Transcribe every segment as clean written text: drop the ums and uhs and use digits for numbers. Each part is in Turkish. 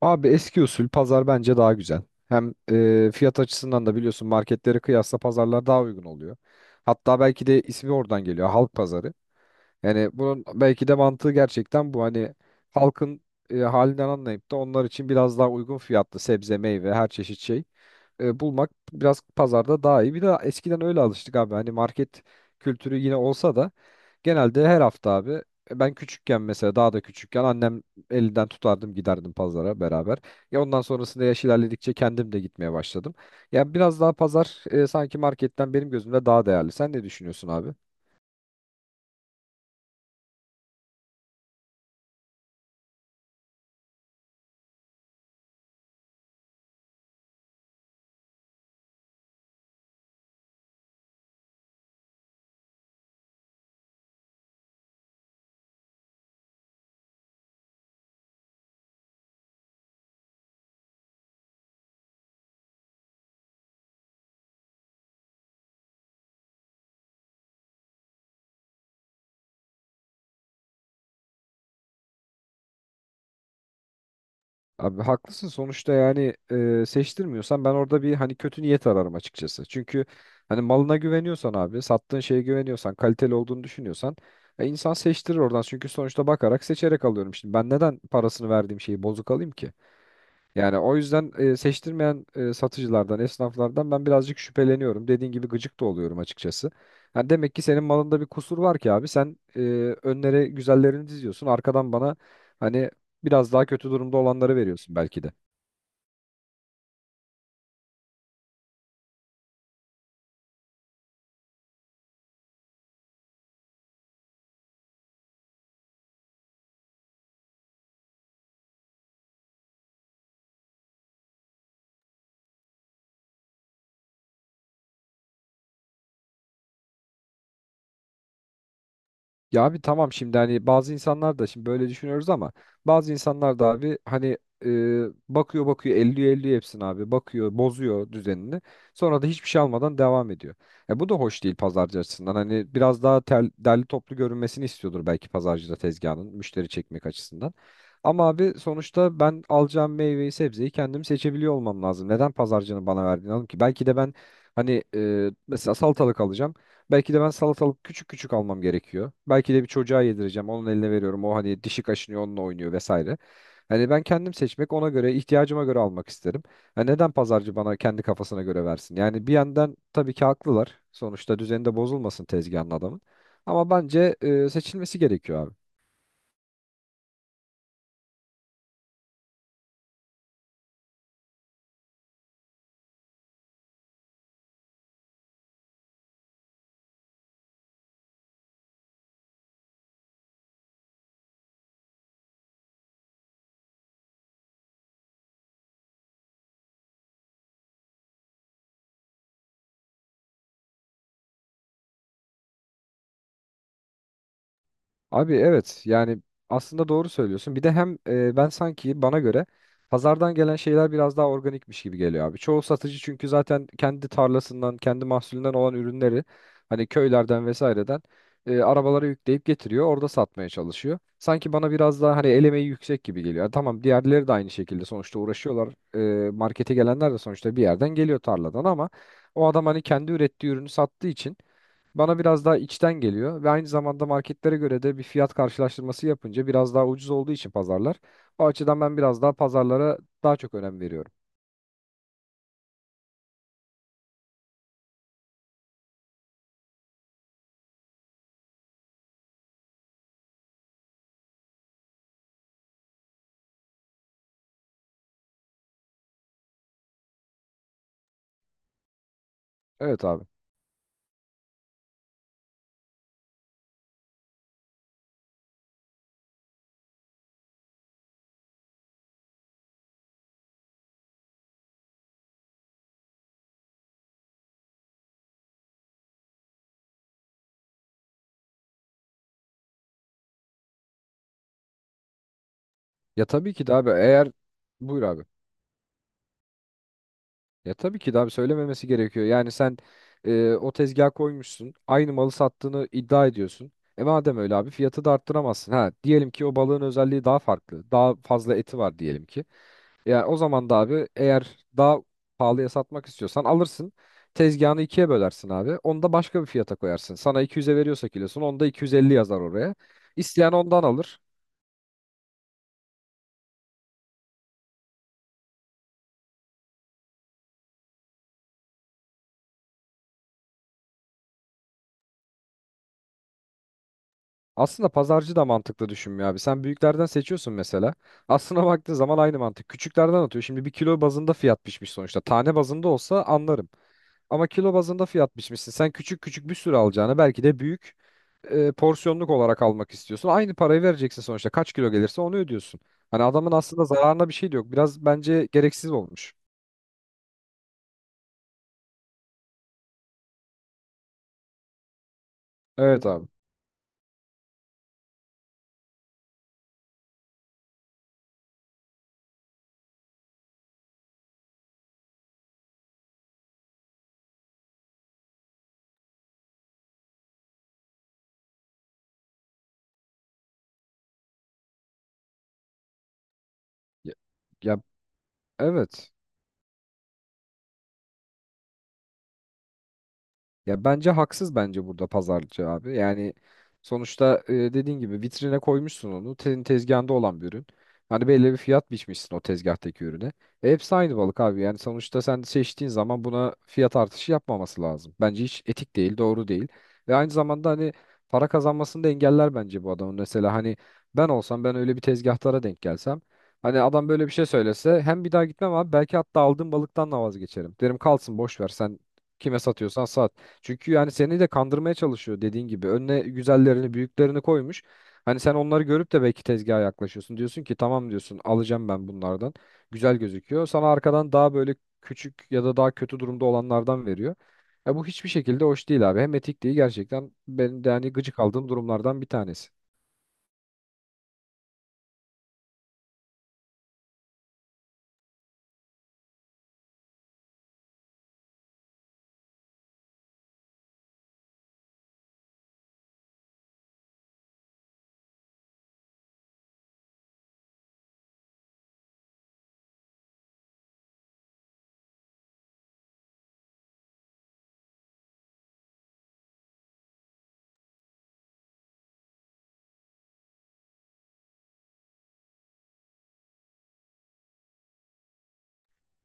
Abi eski usul pazar bence daha güzel. Hem fiyat açısından da biliyorsun marketlere kıyasla pazarlar daha uygun oluyor. Hatta belki de ismi oradan geliyor halk pazarı. Yani bunun belki de mantığı gerçekten bu, hani halkın halinden anlayıp da onlar için biraz daha uygun fiyatlı sebze, meyve, her çeşit şey bulmak biraz pazarda daha iyi. Bir de eskiden öyle alıştık abi, hani market kültürü yine olsa da genelde her hafta abi, ben küçükken mesela, daha da küçükken annem elinden tutardım, giderdim pazara beraber. Ya ondan sonrasında yaş ilerledikçe kendim de gitmeye başladım. Yani biraz daha pazar, sanki marketten benim gözümde daha değerli. Sen ne düşünüyorsun abi? Abi haklısın, sonuçta yani seçtirmiyorsan ben orada bir, hani kötü niyet ararım açıkçası. Çünkü hani malına güveniyorsan abi, sattığın şeye güveniyorsan, kaliteli olduğunu düşünüyorsan insan seçtirir oradan. Çünkü sonuçta bakarak seçerek alıyorum. Şimdi ben neden parasını verdiğim şeyi bozuk alayım ki? Yani o yüzden seçtirmeyen satıcılardan, esnaflardan ben birazcık şüpheleniyorum. Dediğin gibi gıcık da oluyorum açıkçası. Yani demek ki senin malında bir kusur var ki abi. Sen önlere güzellerini diziyorsun. Arkadan bana hani biraz daha kötü durumda olanları veriyorsun belki de. Ya abi tamam, şimdi hani bazı insanlar da şimdi böyle düşünüyoruz ama bazı insanlar da abi, hani e, bakıyor bakıyor, elliyor elliyor hepsini abi, bakıyor bozuyor düzenini, sonra da hiçbir şey almadan devam ediyor. Ya bu da hoş değil pazarcı açısından, hani biraz daha derli toplu görünmesini istiyordur belki pazarcı da tezgahının, müşteri çekmek açısından. Ama abi sonuçta ben alacağım meyveyi sebzeyi kendim seçebiliyor olmam lazım. Neden pazarcının bana verdiğini alayım ki? Belki de ben, hani mesela salatalık alacağım. Belki de ben salatalık küçük küçük almam gerekiyor. Belki de bir çocuğa yedireceğim. Onun eline veriyorum. O hani dişi kaşınıyor, onunla oynuyor vesaire. Hani ben kendim seçmek, ona göre ihtiyacıma göre almak isterim. Ha, neden pazarcı bana kendi kafasına göre versin? Yani bir yandan tabii ki haklılar. Sonuçta düzeni de bozulmasın tezgahın adamın. Ama bence seçilmesi gerekiyor abi. Abi evet, yani aslında doğru söylüyorsun. Bir de hem ben sanki bana göre pazardan gelen şeyler biraz daha organikmiş gibi geliyor abi. Çoğu satıcı çünkü zaten kendi tarlasından, kendi mahsulünden olan ürünleri, hani köylerden vesaireden arabalara yükleyip getiriyor. Orada satmaya çalışıyor. Sanki bana biraz daha hani el emeği yüksek gibi geliyor. Yani tamam, diğerleri de aynı şekilde sonuçta uğraşıyorlar. E, markete gelenler de sonuçta bir yerden geliyor, tarladan, ama o adam hani kendi ürettiği ürünü sattığı için bana biraz daha içten geliyor ve aynı zamanda marketlere göre de bir fiyat karşılaştırması yapınca biraz daha ucuz olduğu için pazarlar. O açıdan ben biraz daha pazarlara daha çok önem veriyorum. Evet abi. Ya tabii ki de abi, eğer buyur abi. Ya tabii ki de abi söylememesi gerekiyor. Yani sen o tezgaha koymuşsun. Aynı malı sattığını iddia ediyorsun. E madem öyle abi, fiyatı da arttıramazsın. Ha, diyelim ki o balığın özelliği daha farklı. Daha fazla eti var diyelim ki. Ya o zaman da abi, eğer daha pahalıya satmak istiyorsan alırsın. Tezgahını ikiye bölersin abi. Onu da başka bir fiyata koyarsın. Sana 200'e veriyorsa kilosunu, onda 250 yazar oraya. İsteyen ondan alır. Aslında pazarcı da mantıklı düşünmüyor abi. Sen büyüklerden seçiyorsun mesela. Aslına baktığın zaman aynı mantık. Küçüklerden atıyor. Şimdi bir kilo bazında fiyat biçmiş sonuçta. Tane bazında olsa anlarım. Ama kilo bazında fiyat biçmişsin. Sen küçük küçük bir sürü alacağını, belki de büyük porsiyonluk olarak almak istiyorsun. Aynı parayı vereceksin sonuçta. Kaç kilo gelirse onu ödüyorsun. Hani adamın aslında zararına bir şey de yok. Biraz bence gereksiz olmuş. Evet abi. Ya, ya, evet. Ya bence haksız, bence burada pazarcı abi. Yani sonuçta dediğin gibi vitrine koymuşsun onu. Senin tezgahında olan bir ürün. Hani belli bir fiyat biçmişsin o tezgahtaki ürüne. E, hepsi aynı balık abi. Yani sonuçta sen seçtiğin zaman buna fiyat artışı yapmaması lazım. Bence hiç etik değil, doğru değil. Ve aynı zamanda hani para kazanmasını da engeller bence bu adamın. Mesela hani ben olsam, ben öyle bir tezgahtara denk gelsem, hani adam böyle bir şey söylese, hem bir daha gitmem abi belki, hatta aldığım balıktan da vazgeçerim. Derim kalsın, boş ver, sen kime satıyorsan sat. Çünkü yani seni de kandırmaya çalışıyor dediğin gibi. Önüne güzellerini, büyüklerini koymuş. Hani sen onları görüp de belki tezgaha yaklaşıyorsun. Diyorsun ki tamam, diyorsun alacağım ben bunlardan. Güzel gözüküyor. Sana arkadan daha böyle küçük ya da daha kötü durumda olanlardan veriyor. Ya bu hiçbir şekilde hoş değil abi. Hem etik değil, gerçekten benim de hani gıcık aldığım durumlardan bir tanesi.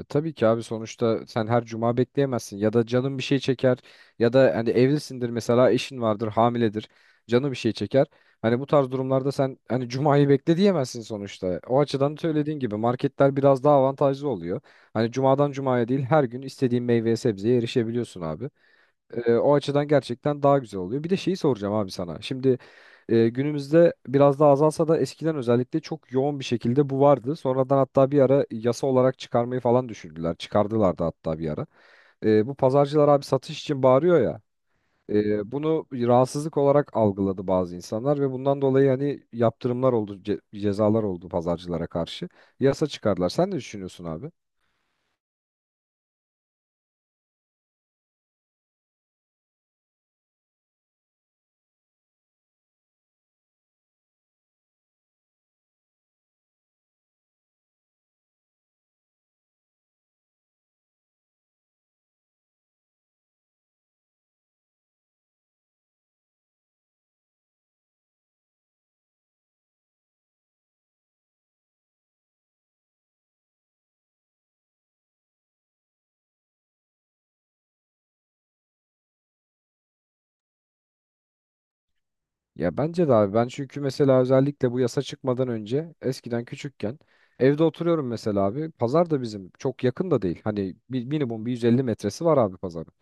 E, tabii ki abi sonuçta sen her cuma bekleyemezsin, ya da canın bir şey çeker, ya da hani evlisindir mesela, eşin vardır, hamiledir, canı bir şey çeker. Hani bu tarz durumlarda sen hani cumayı bekle diyemezsin sonuçta. O açıdan söylediğin gibi marketler biraz daha avantajlı oluyor. Hani cumadan cumaya değil, her gün istediğin meyveye sebzeye erişebiliyorsun abi. E, o açıdan gerçekten daha güzel oluyor. Bir de şeyi soracağım abi sana. Şimdi günümüzde biraz daha azalsa da eskiden özellikle çok yoğun bir şekilde bu vardı. Sonradan hatta bir ara yasa olarak çıkarmayı falan düşündüler. Çıkardılar da hatta bir ara. E, bu pazarcılar abi satış için bağırıyor ya, bunu rahatsızlık olarak algıladı bazı insanlar ve bundan dolayı hani yaptırımlar oldu, cezalar oldu pazarcılara karşı. Yasa çıkardılar. Sen ne düşünüyorsun abi? Ya bence de abi, ben çünkü mesela özellikle bu yasa çıkmadan önce eskiden küçükken evde oturuyorum mesela abi, pazar da bizim çok yakın da değil, hani bir, minimum bir 150 metresi var abi pazarın.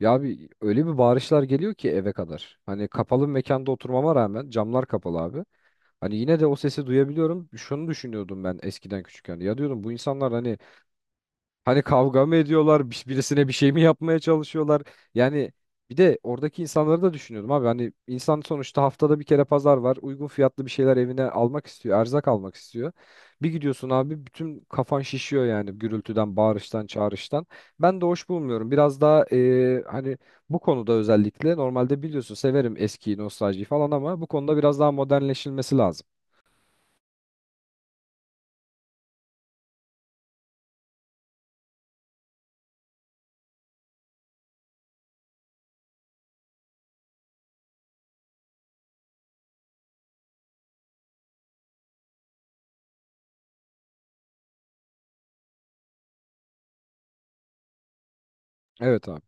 Ya abi öyle bir bağırışlar geliyor ki eve kadar, hani kapalı mekanda oturmama rağmen, camlar kapalı abi, hani yine de o sesi duyabiliyorum, şunu düşünüyordum ben eskiden küçükken, ya diyordum bu insanlar hani, hani kavga mı ediyorlar? Birisine bir şey mi yapmaya çalışıyorlar? Yani bir de oradaki insanları da düşünüyordum abi. Hani insan sonuçta haftada bir kere pazar var. Uygun fiyatlı bir şeyler evine almak istiyor. Erzak almak istiyor. Bir gidiyorsun abi bütün kafan şişiyor yani, gürültüden, bağırıştan, çağrıştan. Ben de hoş bulmuyorum. Biraz daha hani bu konuda özellikle, normalde biliyorsun severim eskiyi, nostaljiyi falan, ama bu konuda biraz daha modernleşilmesi lazım. Evet abi.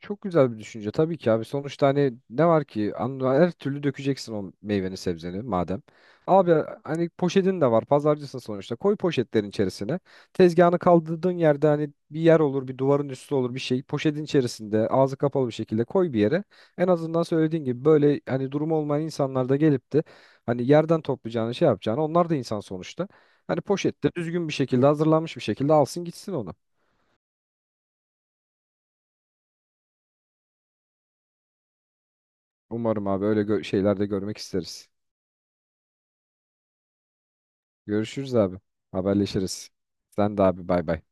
Çok güzel bir düşünce tabii ki abi. Sonuçta hani ne var ki, her türlü dökeceksin o meyveni sebzeni madem. Abi hani poşetin de var, pazarcısın sonuçta, koy poşetlerin içerisine. Tezgahını kaldırdığın yerde hani bir yer olur, bir duvarın üstü olur, bir şey, poşetin içerisinde ağzı kapalı bir şekilde koy bir yere. En azından söylediğin gibi böyle hani durum olmayan insanlar da gelip de hani yerden toplayacağını şey yapacağını onlar da insan sonuçta. Hani poşette düzgün bir şekilde hazırlanmış bir şekilde alsın gitsin onu. Umarım abi öyle şeyler de görmek isteriz. Görüşürüz abi. Haberleşiriz. Sen de abi, bay bay.